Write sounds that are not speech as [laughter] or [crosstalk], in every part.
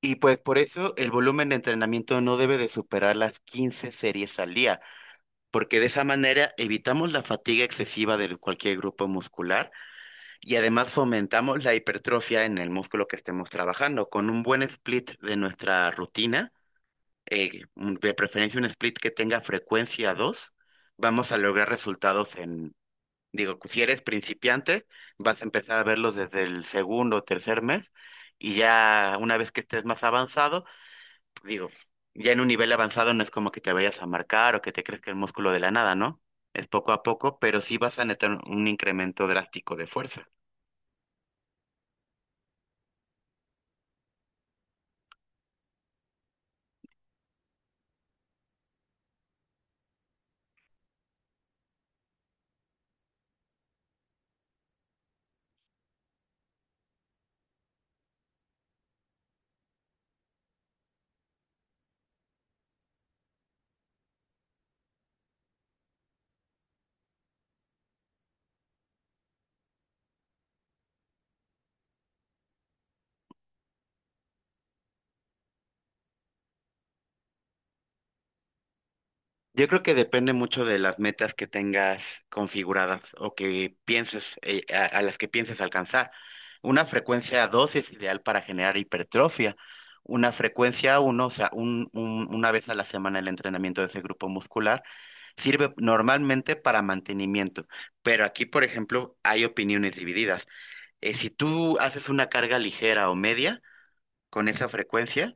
Y pues por eso el volumen de entrenamiento no debe de superar las 15 series al día, porque de esa manera evitamos la fatiga excesiva de cualquier grupo muscular y además fomentamos la hipertrofia en el músculo que estemos trabajando. Con un buen split de nuestra rutina, de preferencia un split que tenga frecuencia dos, vamos a lograr resultados en, digo, si eres principiante, vas a empezar a verlos desde el segundo o tercer mes y ya una vez que estés más avanzado, digo, ya en un nivel avanzado no es como que te vayas a marcar o que te crezca el músculo de la nada, ¿no? Es poco a poco, pero sí vas a netar un incremento drástico de fuerza. Yo creo que depende mucho de las metas que tengas configuradas o que pienses, a las que pienses alcanzar. Una frecuencia 2 es ideal para generar hipertrofia. Una frecuencia uno, o sea, una vez a la semana el entrenamiento de ese grupo muscular, sirve normalmente para mantenimiento. Pero aquí, por ejemplo, hay opiniones divididas. Si tú haces una carga ligera o media con esa frecuencia,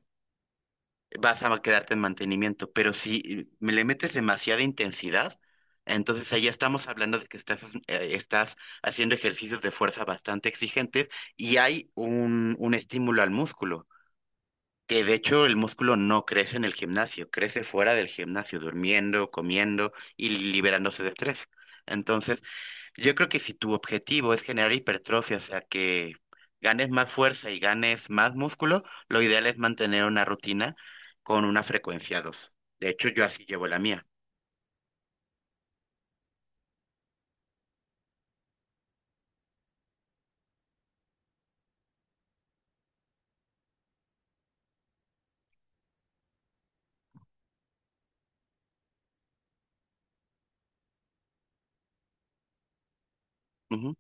vas a quedarte en mantenimiento, pero si me le metes demasiada intensidad, entonces ahí estamos hablando de que estás haciendo ejercicios de fuerza bastante exigentes y hay un estímulo al músculo. Que de hecho el músculo no crece en el gimnasio, crece fuera del gimnasio, durmiendo, comiendo y liberándose de estrés. Entonces, yo creo que si tu objetivo es generar hipertrofia, o sea, que ganes más fuerza y ganes más músculo, lo ideal es mantener una rutina con una frecuencia dos. De hecho, yo así llevo la mía. Ujú.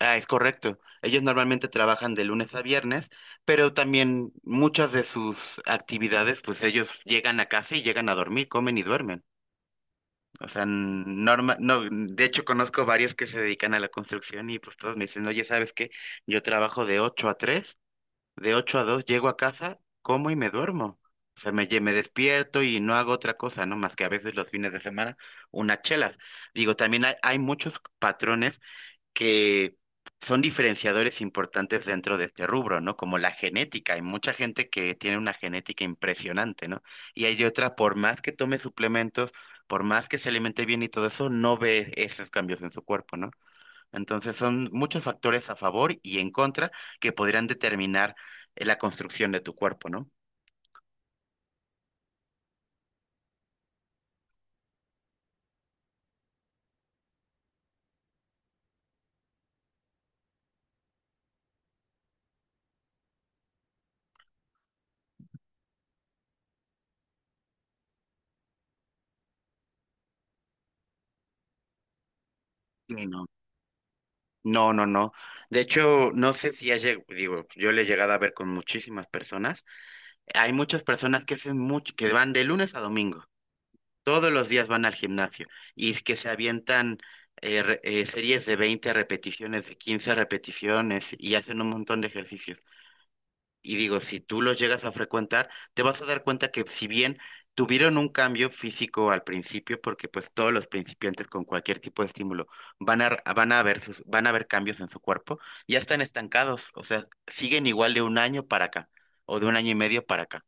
Ah, es correcto. Ellos normalmente trabajan de lunes a viernes, pero también muchas de sus actividades, pues ellos llegan a casa y llegan a dormir, comen y duermen. O sea, no, de hecho conozco varios que se dedican a la construcción y pues todos me dicen, oye, ¿sabes qué? Yo trabajo de 8 a tres, de 8 a 2 llego a casa, como y me duermo. O sea, me despierto y no hago otra cosa, ¿no? Más que a veces los fines de semana, unas chelas. Digo, también hay muchos patrones que son diferenciadores importantes dentro de este rubro, ¿no? Como la genética. Hay mucha gente que tiene una genética impresionante, ¿no? Y hay otra, por más que tome suplementos, por más que se alimente bien y todo eso, no ve esos cambios en su cuerpo, ¿no? Entonces son muchos factores a favor y en contra que podrían determinar la construcción de tu cuerpo, ¿no? Y no. No, no, no. De hecho, no sé si has llegado, digo, yo le he llegado a ver con muchísimas personas. Hay muchas personas que hacen mucho, que van de lunes a domingo, todos los días van al gimnasio y es que se avientan series de 20 repeticiones, de 15 repeticiones y hacen un montón de ejercicios. Y digo, si tú los llegas a frecuentar, te vas a dar cuenta que si bien tuvieron un cambio físico al principio, porque pues todos los principiantes con cualquier tipo de estímulo van a, van a van a ver cambios en su cuerpo, ya están estancados, o sea, siguen igual de un año para acá o de un año y medio para acá.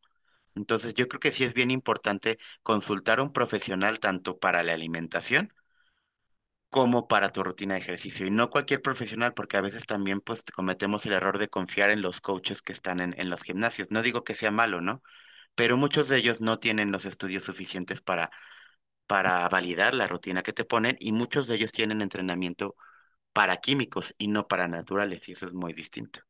Entonces, yo creo que sí es bien importante consultar a un profesional tanto para la alimentación como para tu rutina de ejercicio. Y no cualquier profesional, porque a veces también pues cometemos el error de confiar en los coaches que en los gimnasios. No digo que sea malo, ¿no? Pero muchos de ellos no tienen los estudios suficientes para validar la rutina que te ponen y muchos de ellos tienen entrenamiento para químicos y no para naturales, y eso es muy distinto.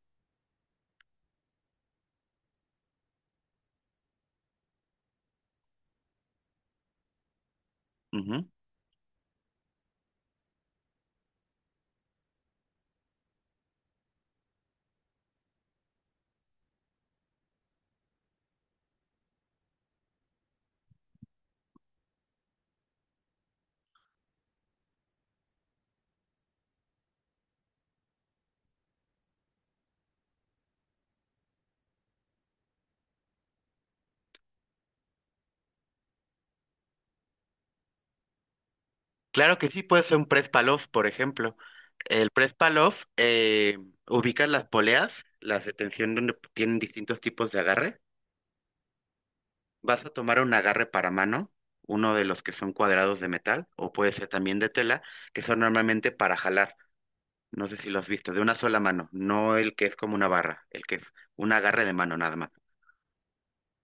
Claro que sí, puede ser un press palof, por ejemplo. El press palof, ubicas las poleas, las de tensión donde tienen distintos tipos de agarre. Vas a tomar un agarre para mano, uno de los que son cuadrados de metal, o puede ser también de tela, que son normalmente para jalar. No sé si los has visto, de una sola mano, no el que es como una barra, el que es un agarre de mano nada más.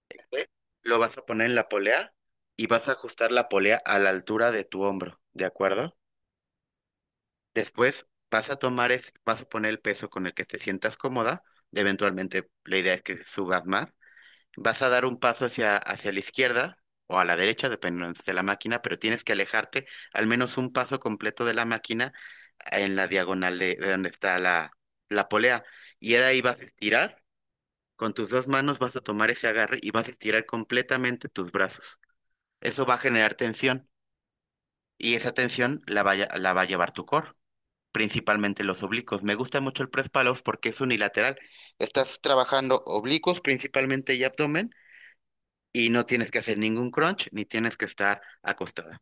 ¿Ok? Lo vas a poner en la polea y vas a ajustar la polea a la altura de tu hombro, ¿de acuerdo? Después vas a vas a poner el peso con el que te sientas cómoda. Eventualmente la idea es que subas más. Vas a dar un paso hacia la izquierda o a la derecha, dependiendo de la máquina, pero tienes que alejarte al menos un paso completo de la máquina en la diagonal de donde está la polea. Y de ahí vas a estirar. Con tus dos manos vas a tomar ese agarre y vas a estirar completamente tus brazos. Eso va a generar tensión y esa tensión la va a llevar tu core, principalmente los oblicuos. Me gusta mucho el press pull porque es unilateral. Estás trabajando oblicuos principalmente y abdomen y no tienes que hacer ningún crunch ni tienes que estar acostada.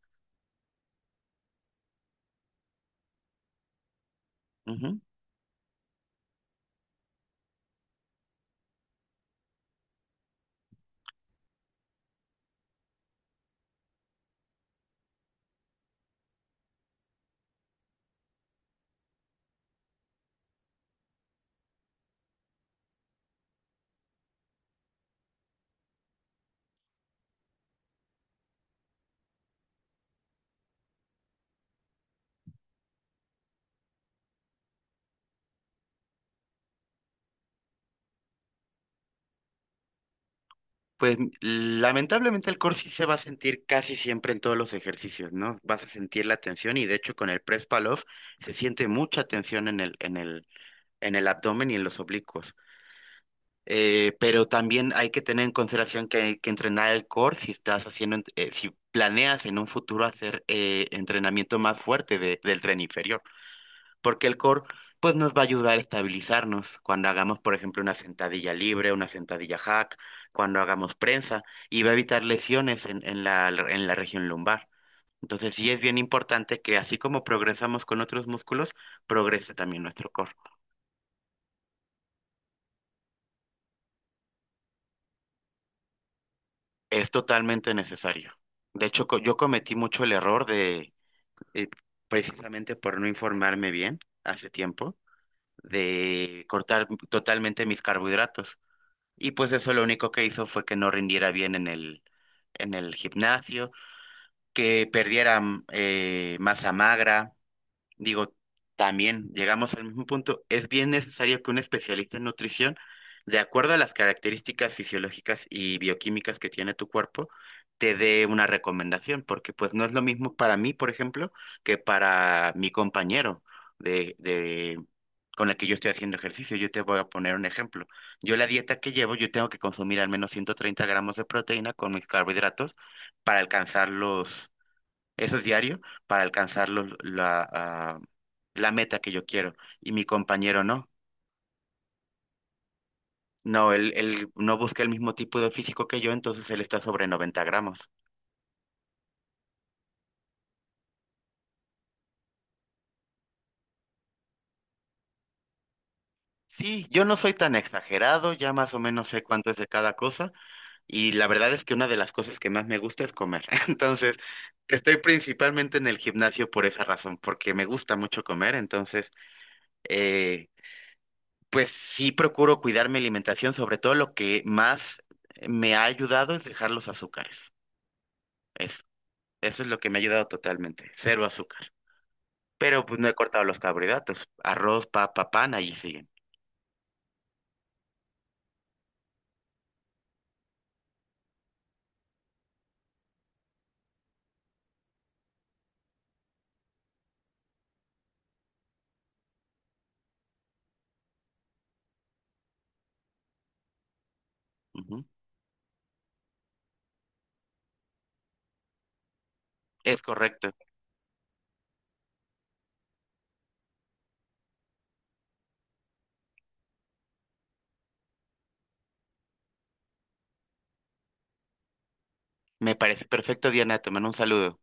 Ujú. Pues lamentablemente el core sí se va a sentir casi siempre en todos los ejercicios, ¿no? Vas a sentir la tensión y de hecho con el press pull-off se siente mucha tensión en el abdomen y en los oblicuos. Pero también hay que tener en consideración que hay que entrenar el core si estás si planeas en un futuro hacer entrenamiento más fuerte del tren inferior, porque el core pues nos va a ayudar a estabilizarnos cuando hagamos, por ejemplo, una sentadilla libre, una sentadilla hack, cuando hagamos prensa, y va a evitar lesiones en la región lumbar. Entonces sí es bien importante que así como progresamos con otros músculos, progrese también nuestro core. Es totalmente necesario. De hecho, yo cometí mucho el error de, eh, precisamente por no informarme bien hace tiempo, de cortar totalmente mis carbohidratos. Y pues eso lo único que hizo fue que no rindiera bien en el gimnasio, que perdiera masa magra. Digo, también llegamos al mismo punto. Es bien necesario que un especialista en nutrición, de acuerdo a las características fisiológicas y bioquímicas que tiene tu cuerpo, te dé una recomendación, porque pues no es lo mismo para mí, por ejemplo, que para mi compañero de con el que yo estoy haciendo ejercicio. Yo te voy a poner un ejemplo. Yo la dieta que llevo, yo tengo que consumir al menos 130 gramos de proteína con mis carbohidratos para alcanzar los, eso es diario, para alcanzar la meta que yo quiero. Y mi compañero no. No, él no busca el mismo tipo de físico que yo, entonces él está sobre 90 gramos. Sí, yo no soy tan exagerado, ya más o menos sé cuánto es de cada cosa. Y la verdad es que una de las cosas que más me gusta es comer. [laughs] Entonces, estoy principalmente en el gimnasio por esa razón, porque me gusta mucho comer. Entonces, eh, pues sí procuro cuidar mi alimentación, sobre todo lo que más me ha ayudado es dejar los azúcares. Eso, eso es lo que me ha ayudado totalmente, cero azúcar. Pero pues no he cortado los carbohidratos, arroz, papa, pan, allí siguen. Ujú. Es correcto. Me parece perfecto, Diana, te mando un saludo.